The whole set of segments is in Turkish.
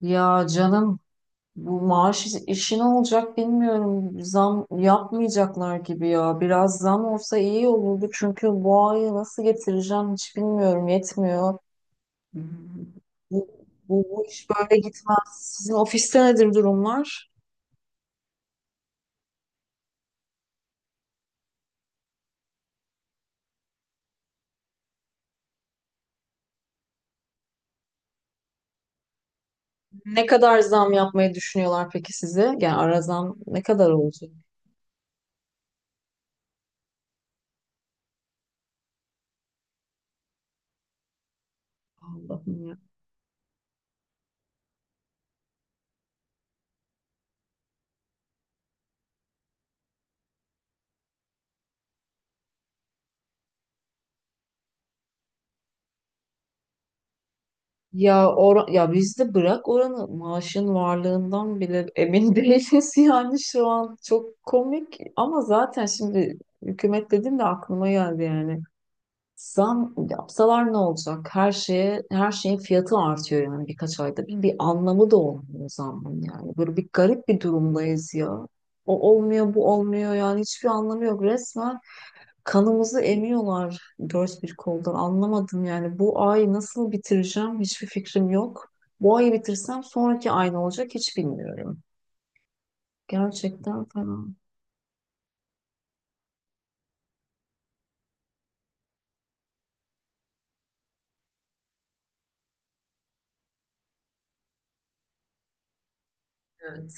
Ya canım bu maaş işi ne olacak bilmiyorum. Zam yapmayacaklar gibi ya. Biraz zam olsa iyi olurdu çünkü bu ayı nasıl getireceğim hiç bilmiyorum. Yetmiyor. Bu, bu, bu iş böyle gitmez. Sizin ofiste nedir durumlar? Ne kadar zam yapmayı düşünüyorlar peki size? Yani ara zam ne kadar olacak? Allah'ım ya. Ya or ya bizde bırak oranı maaşın varlığından bile emin değiliz yani şu an çok komik ama zaten şimdi hükümet dedim de aklıma geldi yani. Zam yapsalar ne olacak? Her şeye her şeyin fiyatı artıyor yani birkaç ayda. Bir anlamı da olmuyor zamın yani. Böyle bir garip bir durumdayız ya. O olmuyor, bu olmuyor yani hiçbir anlamı yok resmen. Kanımızı emiyorlar dört bir koldan. Anlamadım yani bu ayı nasıl bitireceğim hiçbir fikrim yok. Bu ayı bitirsem sonraki ay ne olacak hiç bilmiyorum. Gerçekten fena. Evet.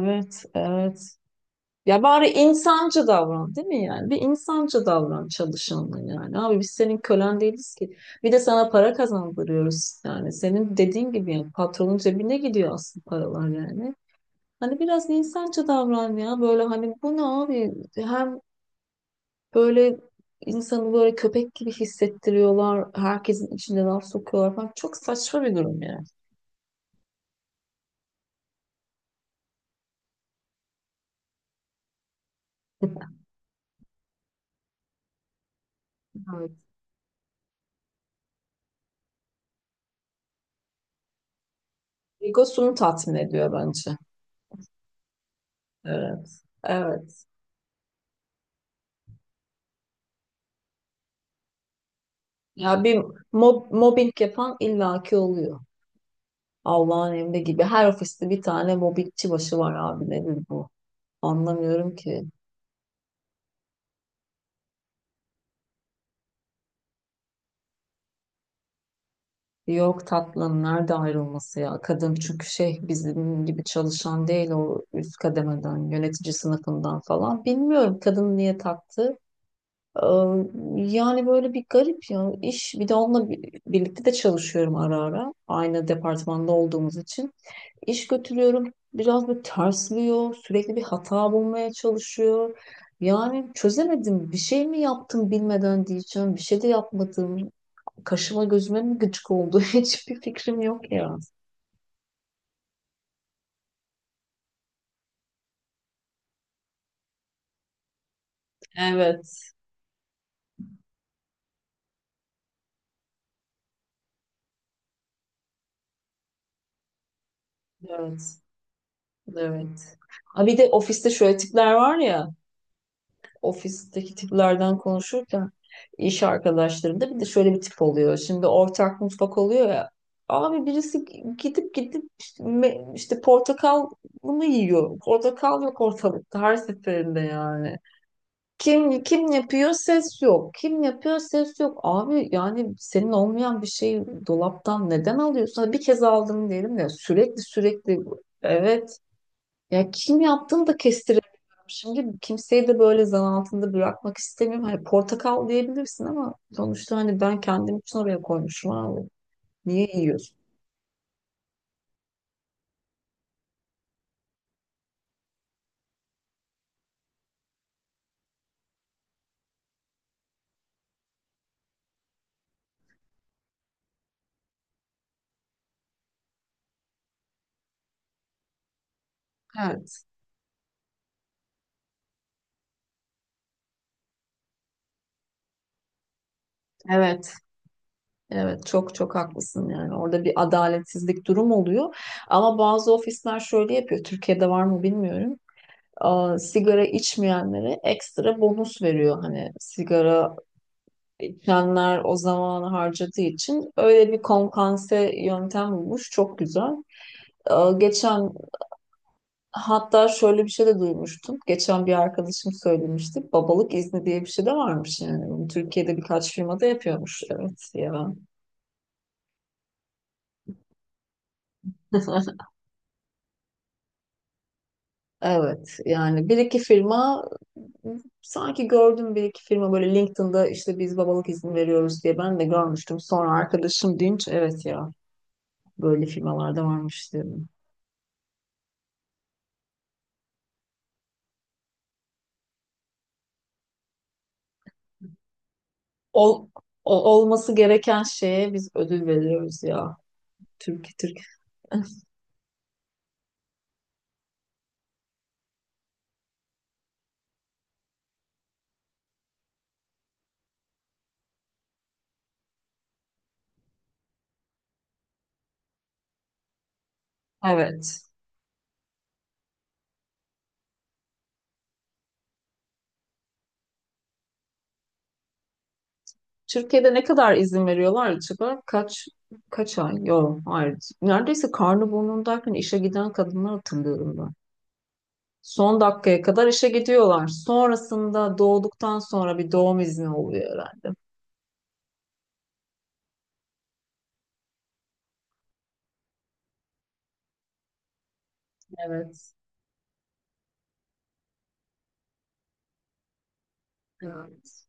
Evet, evet. Ya bari insancı davran, değil mi yani? Bir insancı davran çalışanla yani. Abi biz senin kölen değiliz ki. Bir de sana para kazandırıyoruz yani. Senin dediğin gibi yani patronun cebine gidiyor aslında paralar yani. Hani biraz insancı davran ya. Böyle hani bu ne abi? Hem böyle insanı böyle köpek gibi hissettiriyorlar. Herkesin içinde laf sokuyorlar falan. Çok saçma bir durum yani. Evet. Egosunu tatmin ediyor bence. Evet. Evet. Ya bir mobbing yapan illaki oluyor. Allah'ın emri gibi. Her ofiste bir tane mobbingçi başı var abi. Nedir bu? Anlamıyorum ki. Yok tatlım nerede ayrılması ya? Kadın çünkü şey bizim gibi çalışan değil o üst kademeden, yönetici sınıfından falan. Bilmiyorum kadın niye taktı. Ee, Yani böyle bir garip ya iş bir de onunla birlikte de çalışıyorum ara ara aynı departmanda olduğumuz için iş götürüyorum biraz bir tersliyor sürekli bir hata bulmaya çalışıyor yani çözemedim bir şey mi yaptım bilmeden diyeceğim bir şey de yapmadım kaşıma gözüme mi gıcık oldu hiçbir fikrim yok ya. Evet, evet, evet. Ha bir de ofiste şöyle tipler var ya, ofisteki tiplerden konuşurken iş arkadaşlarımda bir de şöyle bir tip oluyor. Şimdi ortak mutfak oluyor ya. Abi birisi gidip işte, işte portakal mı yiyor? Portakal yok ortalıkta her seferinde yani. Kim yapıyor ses yok. Kim yapıyor ses yok. Abi yani senin olmayan bir şeyi dolaptan neden alıyorsun? Hadi bir kez aldım diyelim de sürekli evet ya kim yaptığını da kestiremiyorum. Şimdi kimseyi de böyle zan altında bırakmak istemiyorum. Hani portakal diyebilirsin ama sonuçta hani ben kendim için oraya koymuşum abi. Niye yiyorsun? Evet, evet. Evet çok çok haklısın yani orada bir adaletsizlik durum oluyor ama bazı ofisler şöyle yapıyor Türkiye'de var mı bilmiyorum. Aa, sigara içmeyenlere ekstra bonus veriyor hani sigara içenler o zamanı harcadığı için öyle bir kompanse yöntem bulmuş çok güzel. Geçen Hatta şöyle bir şey de duymuştum. Geçen bir arkadaşım söylemişti. Babalık izni diye bir şey de varmış yani. Bunu Türkiye'de birkaç firmada yapıyormuş. Evet ya. Evet yani bir iki firma sanki gördüm bir iki firma böyle LinkedIn'da işte biz babalık izni veriyoruz diye ben de görmüştüm. Sonra arkadaşım deyince evet ya böyle firmalarda varmış dedim. Ol, Olması gereken şeye biz ödül veriyoruz ya. Türkiye Türk. Evet. Türkiye'de ne kadar izin veriyorlar acaba? Kaç ay? Yok, hayır. Neredeyse karnı burnundayken işe giden kadınlar hatırlıyorum ben. Son dakikaya kadar işe gidiyorlar. Sonrasında doğduktan sonra bir doğum izni oluyor herhalde. Evet. Evet.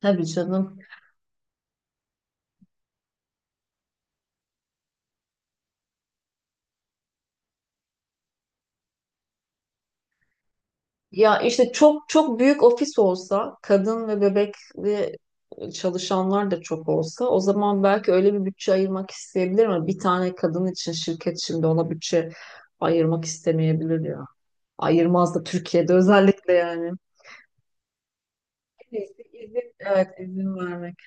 Tabii canım. Ya işte çok çok büyük ofis olsa, kadın ve bebekli çalışanlar da çok olsa o zaman belki öyle bir bütçe ayırmak isteyebilir ama bir tane kadın için şirket şimdi ona bütçe ayırmak istemeyebilir. Ayırmaz da Türkiye'de özellikle yani. En iyisi izin, evet izin vermek.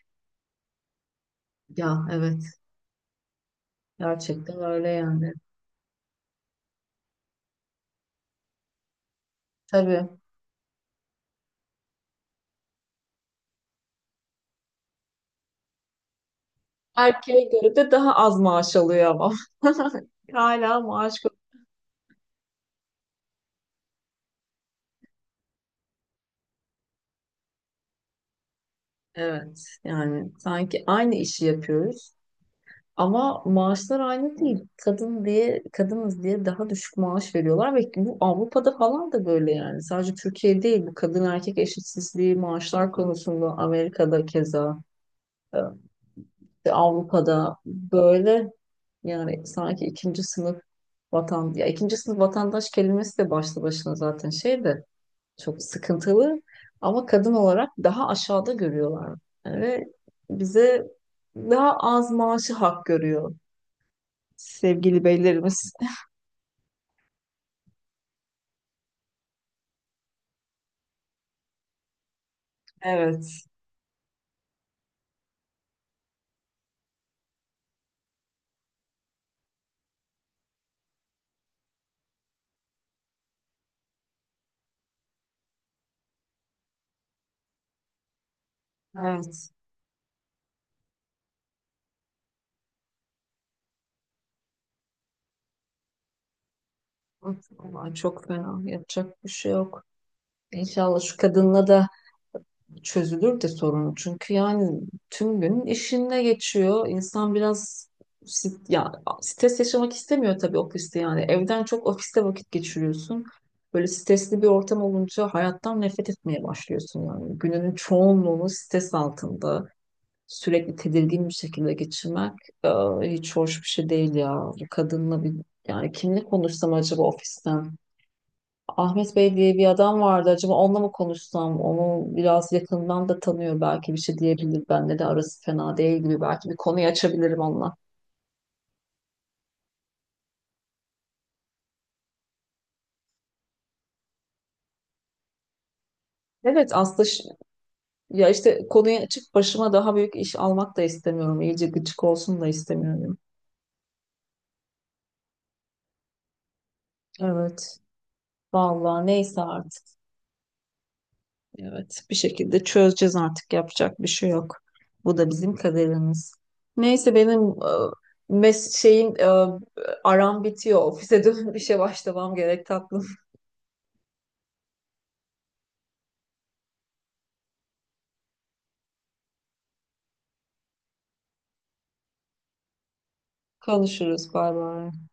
Ya evet. Gerçekten öyle yani. Tabii. Erkeğe göre de daha az maaş alıyor ama. Hala maaş ko- Evet. Yani sanki aynı işi yapıyoruz. Ama maaşlar aynı değil. Kadın diye, kadınız diye daha düşük maaş veriyorlar ve bu Avrupa'da falan da böyle yani. Sadece Türkiye değil bu kadın erkek eşitsizliği maaşlar konusunda Amerika'da keza. e, Avrupa'da böyle yani sanki ikinci sınıf vatan ya ikinci sınıf vatandaş kelimesi de başlı başına zaten şey de çok sıkıntılı ama kadın olarak daha aşağıda görüyorlar ve bize daha az maaşı hak görüyor sevgili beylerimiz. Evet, evet. Vallahi çok fena. Yapacak bir şey yok. İnşallah şu kadınla da çözülür de sorun. Çünkü yani tüm gün işinde geçiyor. İnsan biraz sit- ya stres yaşamak istemiyor tabii ofiste yani. Evden çok ofiste vakit geçiriyorsun. Böyle stresli bir ortam olunca hayattan nefret etmeye başlıyorsun yani. Gününün çoğunluğunu stres altında sürekli tedirgin bir şekilde e, hiç hoş bir şey değil ya. Bu kadınla bir yani kimle konuşsam acaba ofisten? Ahmet Bey diye bir adam vardı. Acaba onunla mı konuşsam? Onu biraz yakından da tanıyor belki bir şey diyebilir. Bende de arası fena değil gibi. Belki bir konuyu açabilirim onunla. Evet aslında ş- Ya işte konuyu açıp başıma daha büyük iş almak da istemiyorum. İyice gıcık olsun da istemiyorum. Evet. Vallahi neyse artık. Evet. Bir şekilde çözeceğiz artık. Yapacak bir şey yok. Bu da bizim kaderimiz. Neyse benim mes şeyim e, aram bitiyor. Ofise dönüp işe başlamam gerek tatlı. Konuşuruz. Bay bay.